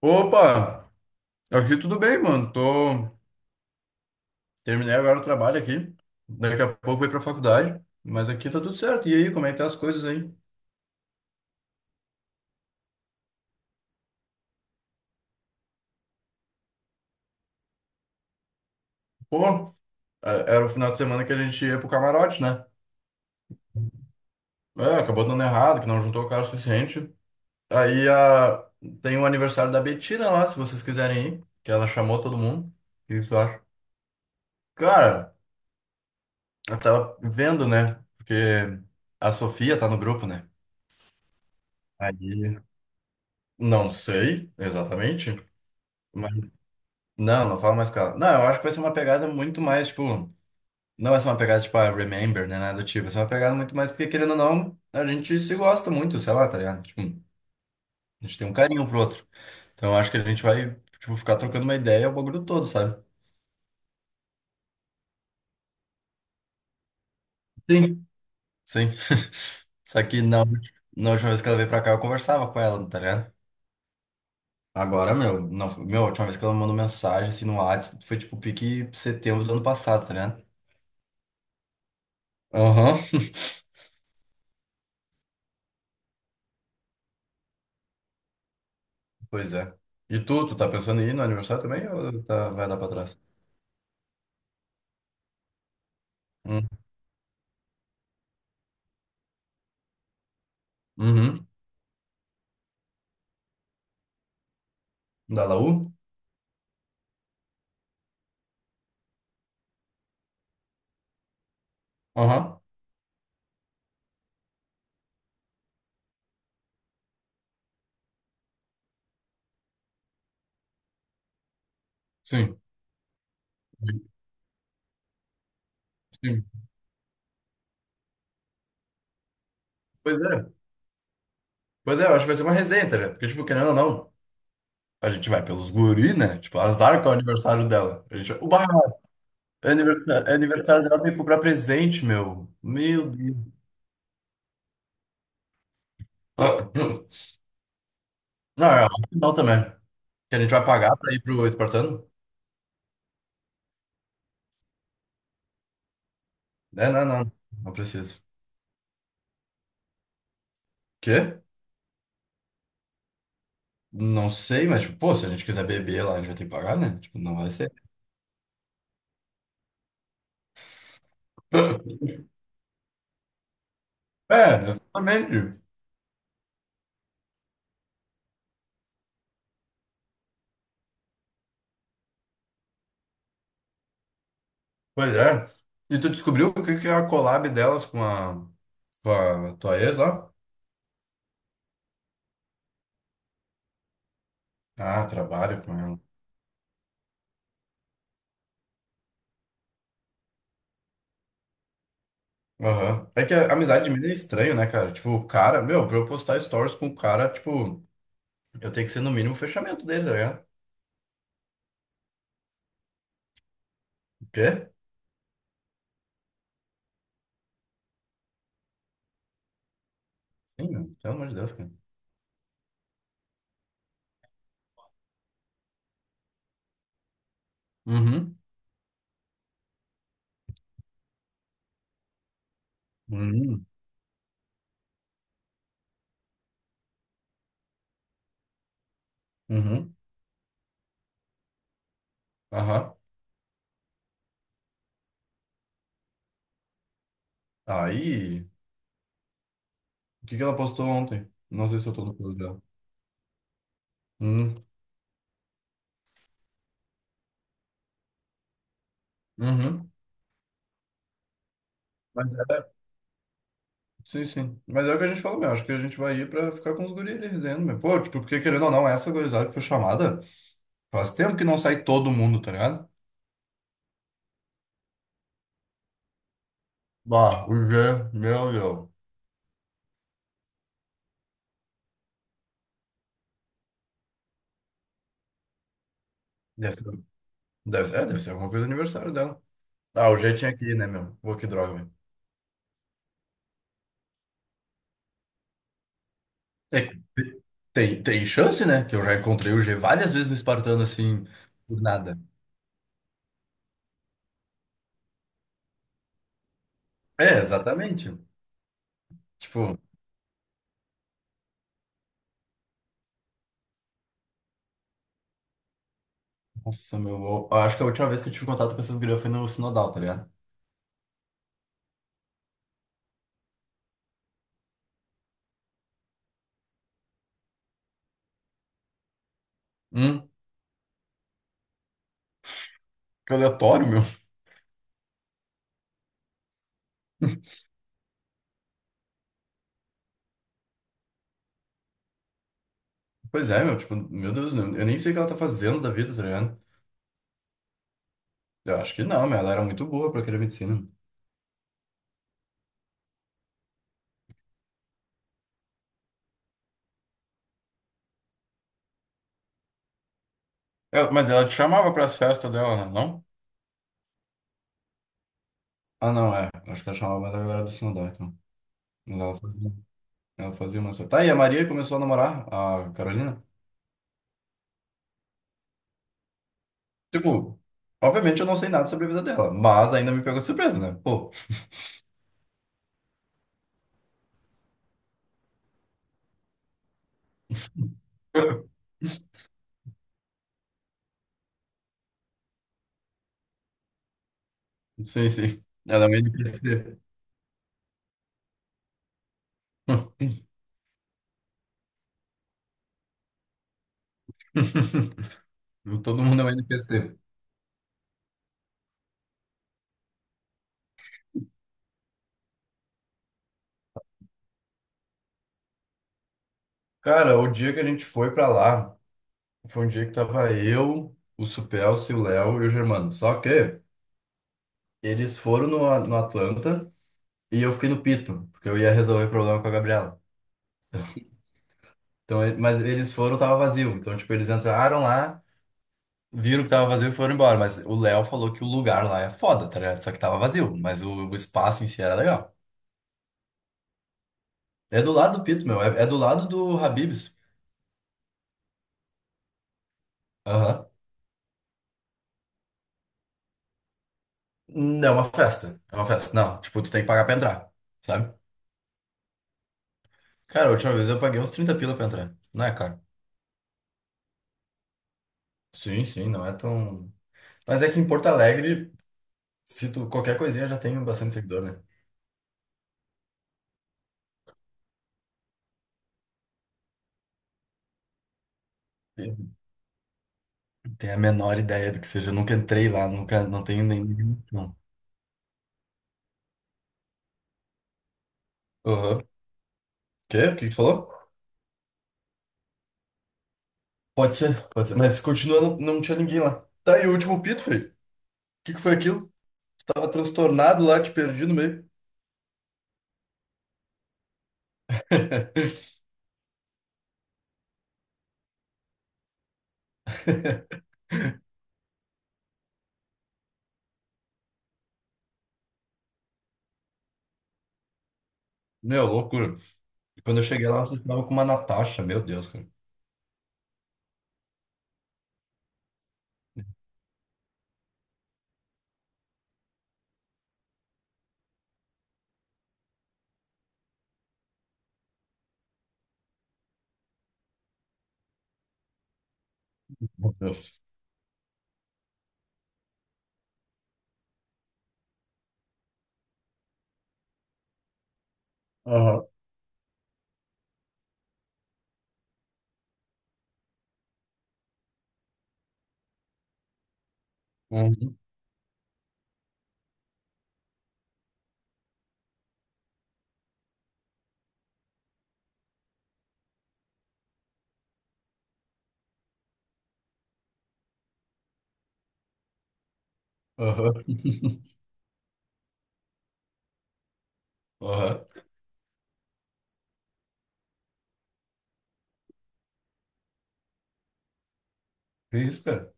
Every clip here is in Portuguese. Opa, aqui tudo bem, mano. Tô... terminei agora o trabalho aqui. Daqui a pouco vou pra faculdade. Mas aqui tá tudo certo. E aí, como é que tá as coisas aí? Pô, era o final de semana que a gente ia pro camarote, né? É, acabou dando errado, que não juntou o cara o suficiente. Aí a... tem o aniversário da Betina lá, se vocês quiserem ir. Que ela chamou todo mundo. O que que tu acha? Cara, eu tava vendo, né? Porque a Sofia tá no grupo, né? Aí. Não sei exatamente. Não, não falo mais com ela. Não, eu acho que vai ser uma pegada muito mais, tipo. Não vai ser uma pegada tipo, ah, Remember, né? Nada do tipo. Vai ser uma pegada muito mais, porque querendo ou não, a gente se gosta muito, sei lá, tá ligado? Tipo, a gente tem um carinho um pro outro. Então eu acho que a gente vai, tipo, ficar trocando uma ideia o bagulho todo, sabe? Sim. Sim. Só que não, na última vez que ela veio pra cá, eu conversava com ela, tá ligado? Agora, meu, não, meu, a última vez que ela me mandou mensagem assim no WhatsApp foi tipo pique setembro do ano passado, tá ligado? Aham. Pois é. E tu tá pensando em ir no aniversário também ou tá, vai dar pra trás? Hum. Uhum. Da Laú? Aham. Sim. Sim. Pois é. Pois é, eu acho que vai ser uma resenha, tá ligado? Porque, tipo, querendo ou não, a gente vai pelos guri, né? Tipo, azar com o aniversário dela. A gente vai... Uba! É aniversário dela, tem que comprar presente, meu. Meu Deus. Ah, não, é não também. Que a gente vai pagar pra ir pro Espartano? É, não, não. Não preciso. Quê? Não sei, mas, tipo, pô, se a gente quiser beber lá, a gente vai ter que pagar, né? Tipo, não vai ser. É, exatamente. Pois é. E tu descobriu o que que é a collab delas com a tua ex lá? Ah, trabalho com ela. Aham. É que a amizade de mim é estranho, né, cara? Tipo, o cara, meu, pra eu postar stories com o cara, tipo, eu tenho que ser no mínimo o fechamento dele, tá ligado? O quê? Sim, meu, pelo amor de Deus, cara. Uhum. Uhum. Uhum. Aham. Aí, o que que ela postou ontem? Não sei se eu tô no curso dela. Hum. Uhum. Sim, sim. Mas é o que a gente falou, meu. Acho que a gente vai ir pra ficar com os guris ali resenhando, meu. Pô, tipo, porque querendo ou não, essa gurizada que foi chamada, faz tempo que não sai todo mundo, tá ligado? Bah, o G, meu, meu. Deve ser, deve ser alguma coisa do aniversário dela. Ah, o G tinha que ir, né, meu? Pô, que droga, meu. Tem, tem chance, né? Que eu já encontrei o G várias vezes no Espartano, assim, por nada. É, exatamente. Tipo, nossa, meu. Eu acho que a última vez que eu tive contato com essas gurias foi no Sinodal, tá ligado? Hum, que aleatório, meu. Pois é, meu, tipo, meu Deus, eu nem sei o que ela tá fazendo da vida, tá ligado? Eu acho que não, meu, ela era muito boa pra querer medicina. É, mas ela te chamava pras festas dela, né, não? Ah, não, é. Acho que ela chamava, mas ela era do Sinodó, então. Mas ela fazia. Ela fazia uma só. Tá, e a Maria começou a namorar a Carolina? Tipo, obviamente eu não sei nada sobre a vida dela, mas ainda me pegou de surpresa, né? Pô, sim, sim. Ela é uma NPC. Todo mundo é um NPC. Cara, o dia que a gente foi pra lá. Foi um dia que tava eu, o Supelcio, o Léo e o Germano. Só que eles foram no Atlanta e eu fiquei no Pito, porque eu ia resolver o problema com a Gabriela. Então, mas eles foram, tava vazio. Então, tipo, eles entraram lá, viram que tava vazio e foram embora. Mas o Léo falou que o lugar lá é foda, tá ligado? Só que tava vazio, mas o espaço em si era legal. É do lado do Pito, meu. É, é do lado do Habib's. Aham. Não, é uma festa. É uma festa. Não, tipo, tu tem que pagar pra entrar, sabe? Cara, a última vez eu paguei uns 30 pila pra entrar. Não é caro. Sim, sim, não é tão. Mas é que em Porto Alegre, se tu qualquer coisinha já tem bastante seguidor, né? Eu não tenho a menor ideia do que seja. Eu nunca entrei lá, nunca, não tenho nem. Não. Aham. Quê? O que que tu falou? Pode ser, pode ser. Mas continuando, não tinha ninguém lá. Tá, e o último pito, feio. O que que foi aquilo? Tava transtornado lá, te perdi no meio. Meu, loucura. E quando eu cheguei lá, eu tava com uma Natasha, meu Deus, cara. Meu Deus. Aham. Uhum. Aham. Aham. Que isso, cara?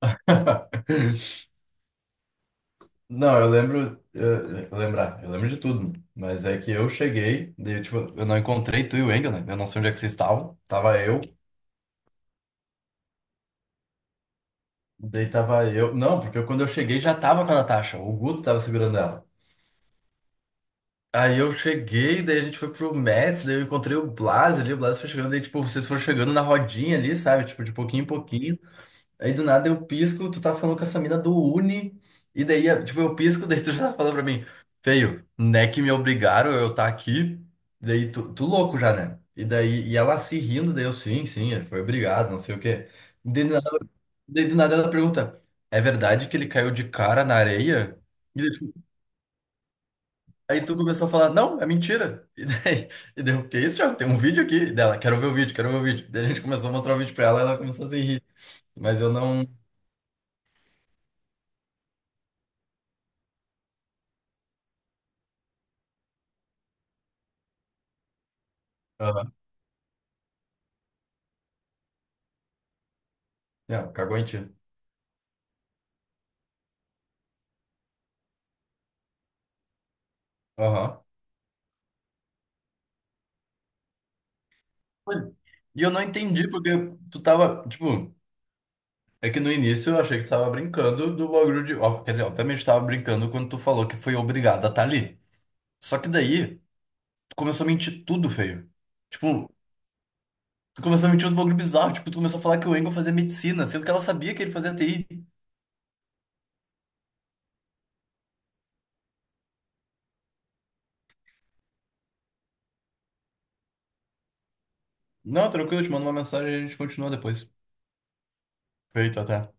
Não, eu lembro, eu lembro de tudo, mas é que eu cheguei, daí, tipo, eu não encontrei tu e o Engel, né? Eu não sei onde é que vocês estavam, tava eu, não, porque eu- quando eu cheguei já tava com a Natasha, o Guto tava segurando ela. Aí eu cheguei, daí a gente foi pro Mets, daí eu encontrei o Blas ali, o Blas foi chegando, daí, tipo, vocês foram chegando na rodinha ali, sabe? Tipo, de pouquinho em pouquinho. Aí do nada eu pisco, tu tá falando com essa mina do Uni, e daí, tipo, eu pisco, daí tu já tá falando pra mim, feio, né que me obrigaram eu tá aqui, daí tu, tu louco já, né? E daí, e ela se rindo, daí eu, sim, sim, ele foi obrigado, não sei o quê. Daí do nada, ela pergunta, é verdade que ele caiu de cara na areia? E daí, tipo, aí tu começou a falar, não, é mentira. E daí, eu, que é isso, Thiago? Tem um vídeo aqui E dela, quero ver o vídeo, quero ver o vídeo. Daí a gente começou a mostrar o vídeo pra ela, ela começou a se rir, mas eu não... Aham. Não, cagou em ti. Aham. Pois- é. E eu não entendi porque tu tava, tipo, é que no início eu achei que tu tava brincando do bagulho de. Ó, quer dizer, obviamente tu tava brincando quando tu falou que foi obrigado a estar ali. Só que daí, tu começou a mentir tudo feio. Tipo, tu começou a mentir uns bagulho bizarro. Tipo, tu começou a falar que o Engel fazia medicina, sendo que ela sabia que ele fazia TI. Não, tranquilo, eu te mando uma mensagem e a gente continua depois. Feito até.